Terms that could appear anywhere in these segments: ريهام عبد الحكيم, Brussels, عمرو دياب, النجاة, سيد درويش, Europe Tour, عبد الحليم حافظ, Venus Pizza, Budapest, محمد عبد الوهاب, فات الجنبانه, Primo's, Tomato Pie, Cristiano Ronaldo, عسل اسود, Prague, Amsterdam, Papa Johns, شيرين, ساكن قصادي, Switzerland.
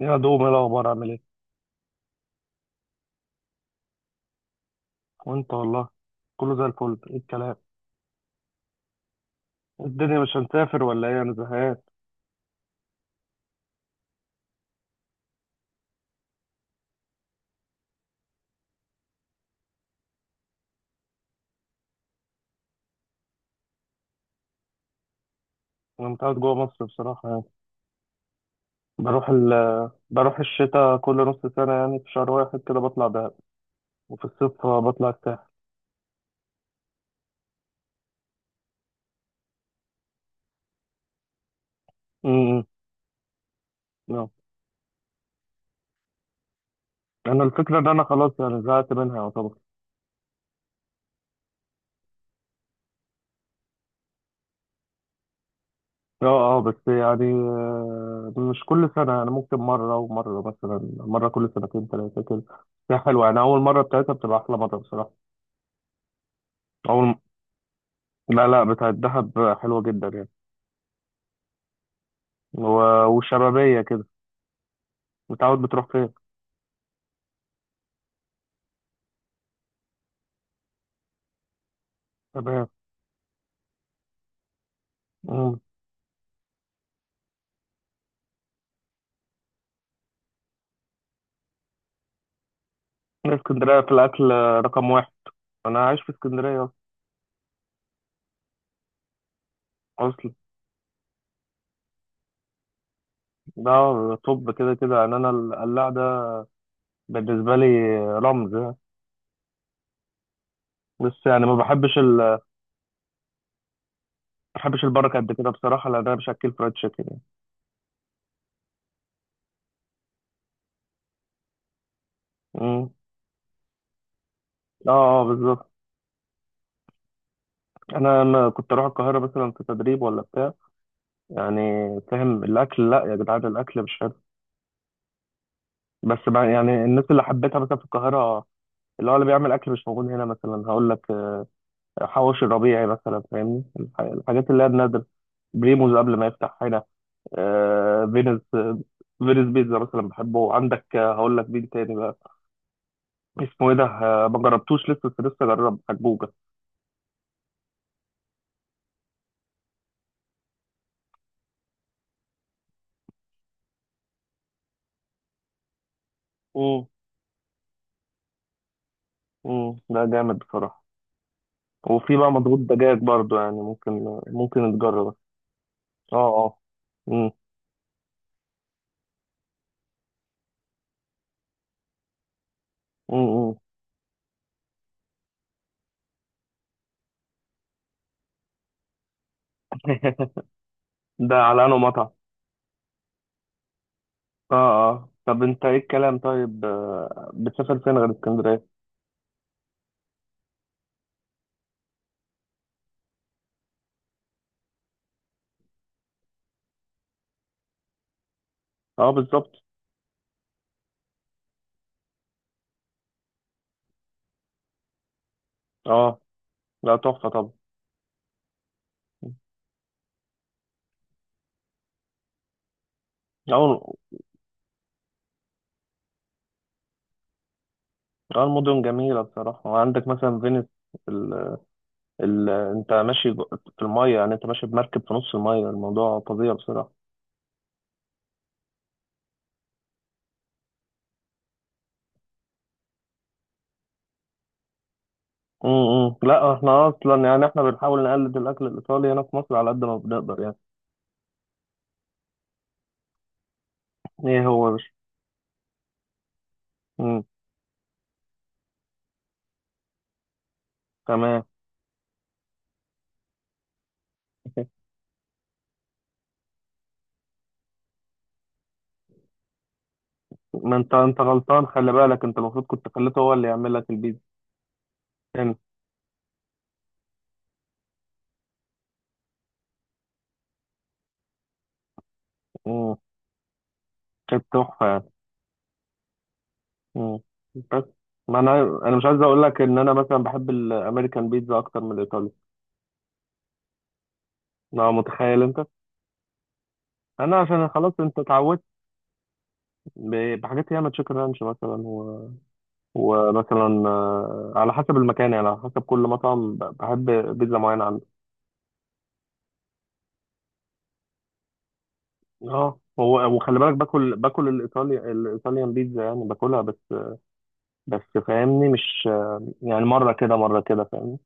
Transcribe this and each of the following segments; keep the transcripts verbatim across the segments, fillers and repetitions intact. يا دوب، ايه الاخبار؟ عامل ايه؟ وانت والله. كله زي الفل. ايه الكلام؟ الدنيا مش هنسافر ولا ايه؟ انا زهقان. انا متعود جوه مصر بصراحه يعني. بروح ال... بروح الشتاء كل نص سنه، يعني في شهر واحد كده بطلع دهب، وفي الصيف بطلع الساحل. امم. اه. انا الفكره ان انا خلاص يعني زهقت منها يعتبر. اه اه، بس يعني، آه، مش كل سنه، يعني ممكن مره ومره، مثلا مره كل سنتين ثلاثه كده. هي حلوه، يعني اول مره بتاعتها بتبقى احلى مره بصراحه. اول. لا لا، بتاعت دهب حلوه جدا يعني. و- وشبابية كده. متعود بتروح فين؟ تمام. مم. اسكندرية في الأكل رقم واحد. أنا عايش في اسكندرية أصلا. ده طب كده كده يعني. أنا القلاع ده بالنسبة لي رمز يعني. بس يعني ما بحبش ال ما بحبش البركة قد كده بصراحة، لأن أنا مش أكل فرايد تشيكن يعني. مم. اه اه بالظبط. انا أنا كنت اروح القاهره مثلا في تدريب ولا بتاع يعني، فاهم؟ الاكل، لا يا جدعان، الاكل مش حلو. بس بقى يعني الناس اللي حبيتها مثلا في القاهره، اللي هو اللي بيعمل اكل مش موجود هنا مثلا، هقول لك: حواوشي الربيعي مثلا، فاهمني؟ الح- الحاجات اللي هي النادر، بريموز قبل ما يفتح هنا، آه، فينوس. آه، فينوس بيتزا مثلا بحبه عندك. آه، هقول لك مين تاني بقى، اسمه ايه ده؟ آه، ما جربتوش لسه، بس لسه جرب حجوجة. امم امم ده جامد بصراحة. وفي بقى مضغوط دجاج برضو، يعني ممكن. ممكن تجربه. اه. اه. مم، مم، مم. ده على انه مطعم. اه. اه طب انت ايه الكلام طيب، آه، بتسافر فين غير اسكندرية؟ اه بالظبط. اه لا تحفة طبعا. أو. أو المدن جميلة بصراحة، وعندك مثلا فينيس. ال... ال... أنت ماشي جو- في المية، يعني أنت ماشي بمركب في نص المية، الموضوع فظيع بصراحة. امم لا احنا اصلا يعني احنا بنحاول نقلد الاكل الايطالي هنا في مصر على قد ما بنقدر يعني. ايه هو يا باشا؟ امم. تمام. ما انت انت غلطان، خلي بالك، انت المفروض كنت خليته هو اللي يعمل لك البيتزا. فهمت. امم كانت تحفه يعني. امم. بس ما انا انا مش عايز اقول لك ان انا مثلا بحب الامريكان بيتزا اكتر من الايطالي. لا متخيل انت. انا عشان خلاص انت اتعودت. ب- بحاجات ياما، تشيكن رانش مثلا، و... ومثلا آه، على حسب المكان، يعني على حسب كل مطعم ب- بحب بيتزا معينه عنده. اه هو، وخلي بالك باكل باكل الايطالي، الايطاليان بيتزا يعني، باكلها بس. بس فاهمني؟ مش يعني، مره كده مره كده، فاهمني؟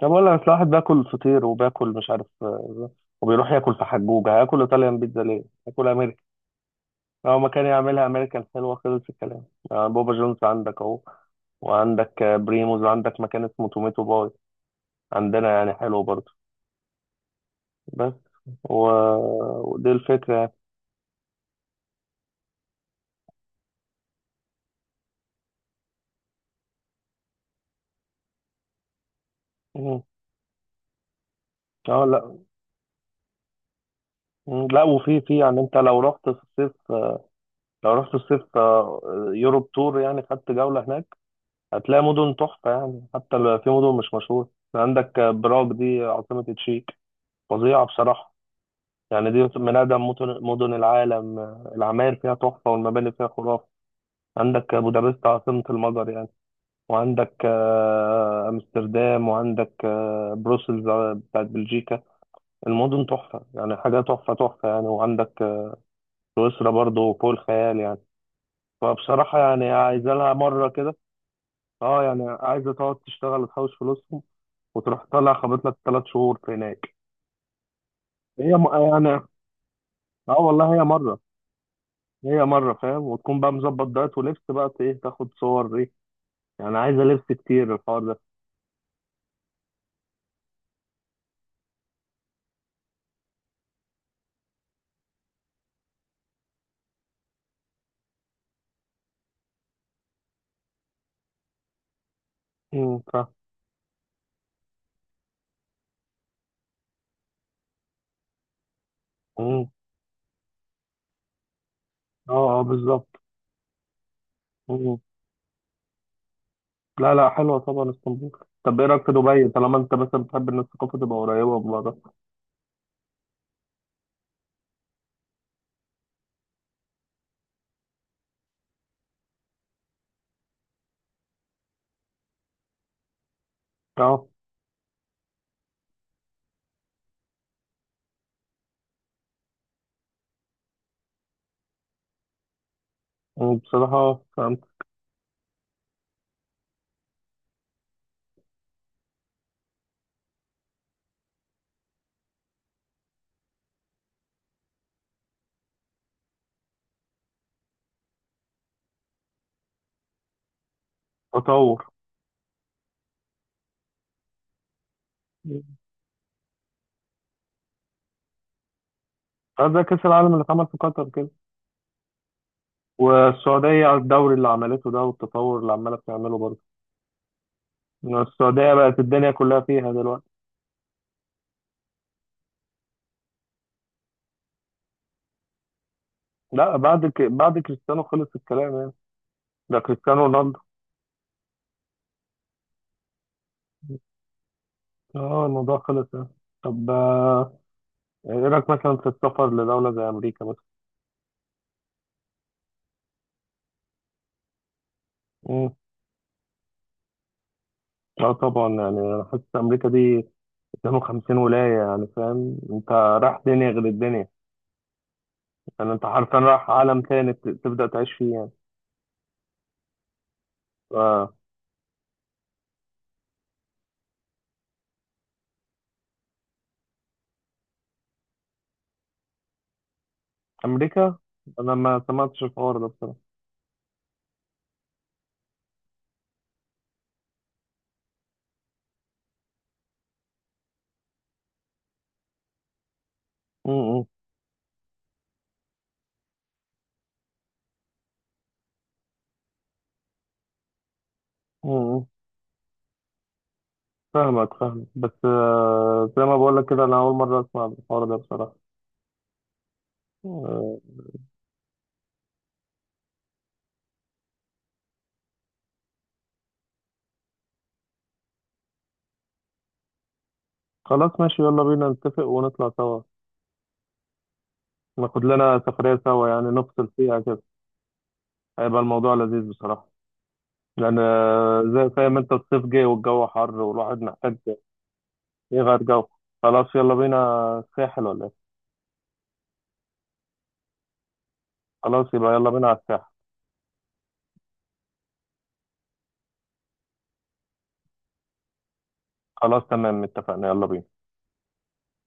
طب اقول لك، أصل واحد باكل فطير وباكل مش عارف آه، وبيروح ياكل في حجوجه، هاكل ايطاليان بيتزا ليه؟ هاكل. اه، ما كان يعملها امريكا الحلوه، خلص الكلام. آه، بابا جونز عندك اهو، وعندك آه، بريموز، وعندك مكان اسمه توميتو باي عندنا يعني، حلو برضه. بس و... ودي الفكره يعني. مم. اه لا. مم. لا، وفي في، يعني انت لو رحت في الصيف، لو رحت الصيف آه، يوروب تور يعني، خدت جوله هناك، هتلاقي مدن تحفه يعني. حتى ال- في مدن مش مشهوره. عندك آه، براغ دي عاصمه تشيك، فظيعه بصراحه. يعني دي من أقدم مدن مدن العالم. آه، العماير فيها تحفة والمباني فيها خرافة. عندك بودابست عاصمة المجر يعني. وعندك آه، أمستردام، وعندك آه، بروسلز آه، بتاعت بلجيكا. المدن تحفة يعني، حاجة تحفة تحفة يعني. وعندك آه، سويسرا برضو فوق الخيال يعني. فبصراحة يعني عايزة لها مرة كده. اه يعني عايزة تقعد تشتغل وتحوش فلوسهم، وتروح طالع خابط لك ثلاث شهور في هناك. هي م... يعني، اه والله، هي مرة، هي مرة فاهم، وتكون بقى مظبط دايت ولبس بقى، ت- ايه، تاخد صور ايه، يعني عايزة لبس كتير الحوار ده. امم. فاهم. اه اه بالظبط. مم. لا لا، حلوة طبعا اسطنبول. طب ايه رأيك في دبي، طالما انت مثلا بتحب ان الثقافة تبقى قريبة من بعضها؟ اه. وبصراحة فهمت. تطور. مم. اه زي كأس العالم اللي اتعمل في قطر كده، والسعودية على الدوري اللي عملته ده، والتطور اللي عمالة بتعمله برضه. إن السعودية بقت الدنيا كلها فيها دلوقتي. لا بعد ك... بعد كريستيانو خلص الكلام يعني. ده كريستيانو رونالدو. اه الموضوع خلص يعني. طب آه، ايه رأيك مثلا في السفر لدولة زي أمريكا مثلا؟ مم. اه طبعا، يعني انا حاسس امريكا دي اثنين وخمسين ولاية، يعني فاهم انت رايح دنيا غير الدنيا، يعني انت حرفيا رايح عالم تاني، ت- تبدأ تعيش فيه يعني. ف- أمريكا أنا ما سمعتش الحوار ده بصراحة. م- م- م- م. فاهمك فاهمك، بس آه، زي ما بقولك كده، أنا أول مرة أسمع الحوار ده بصراحة. آه، خلاص ماشي، يلا بينا نتفق ونطلع سوا، ناخد لنا سفرية سوا يعني، نفصل فيها كده. هيبقى الموضوع لذيذ بصراحة، لأن آه، زي فاهم أنت، الصيف جاي والجو حر والواحد محتاج يغير جو. خلاص يلا بينا الساحل ولا ايه؟ خلاص يبقى يلا بينا على الساحل. خلاص تمام اتفقنا، يلا بينا.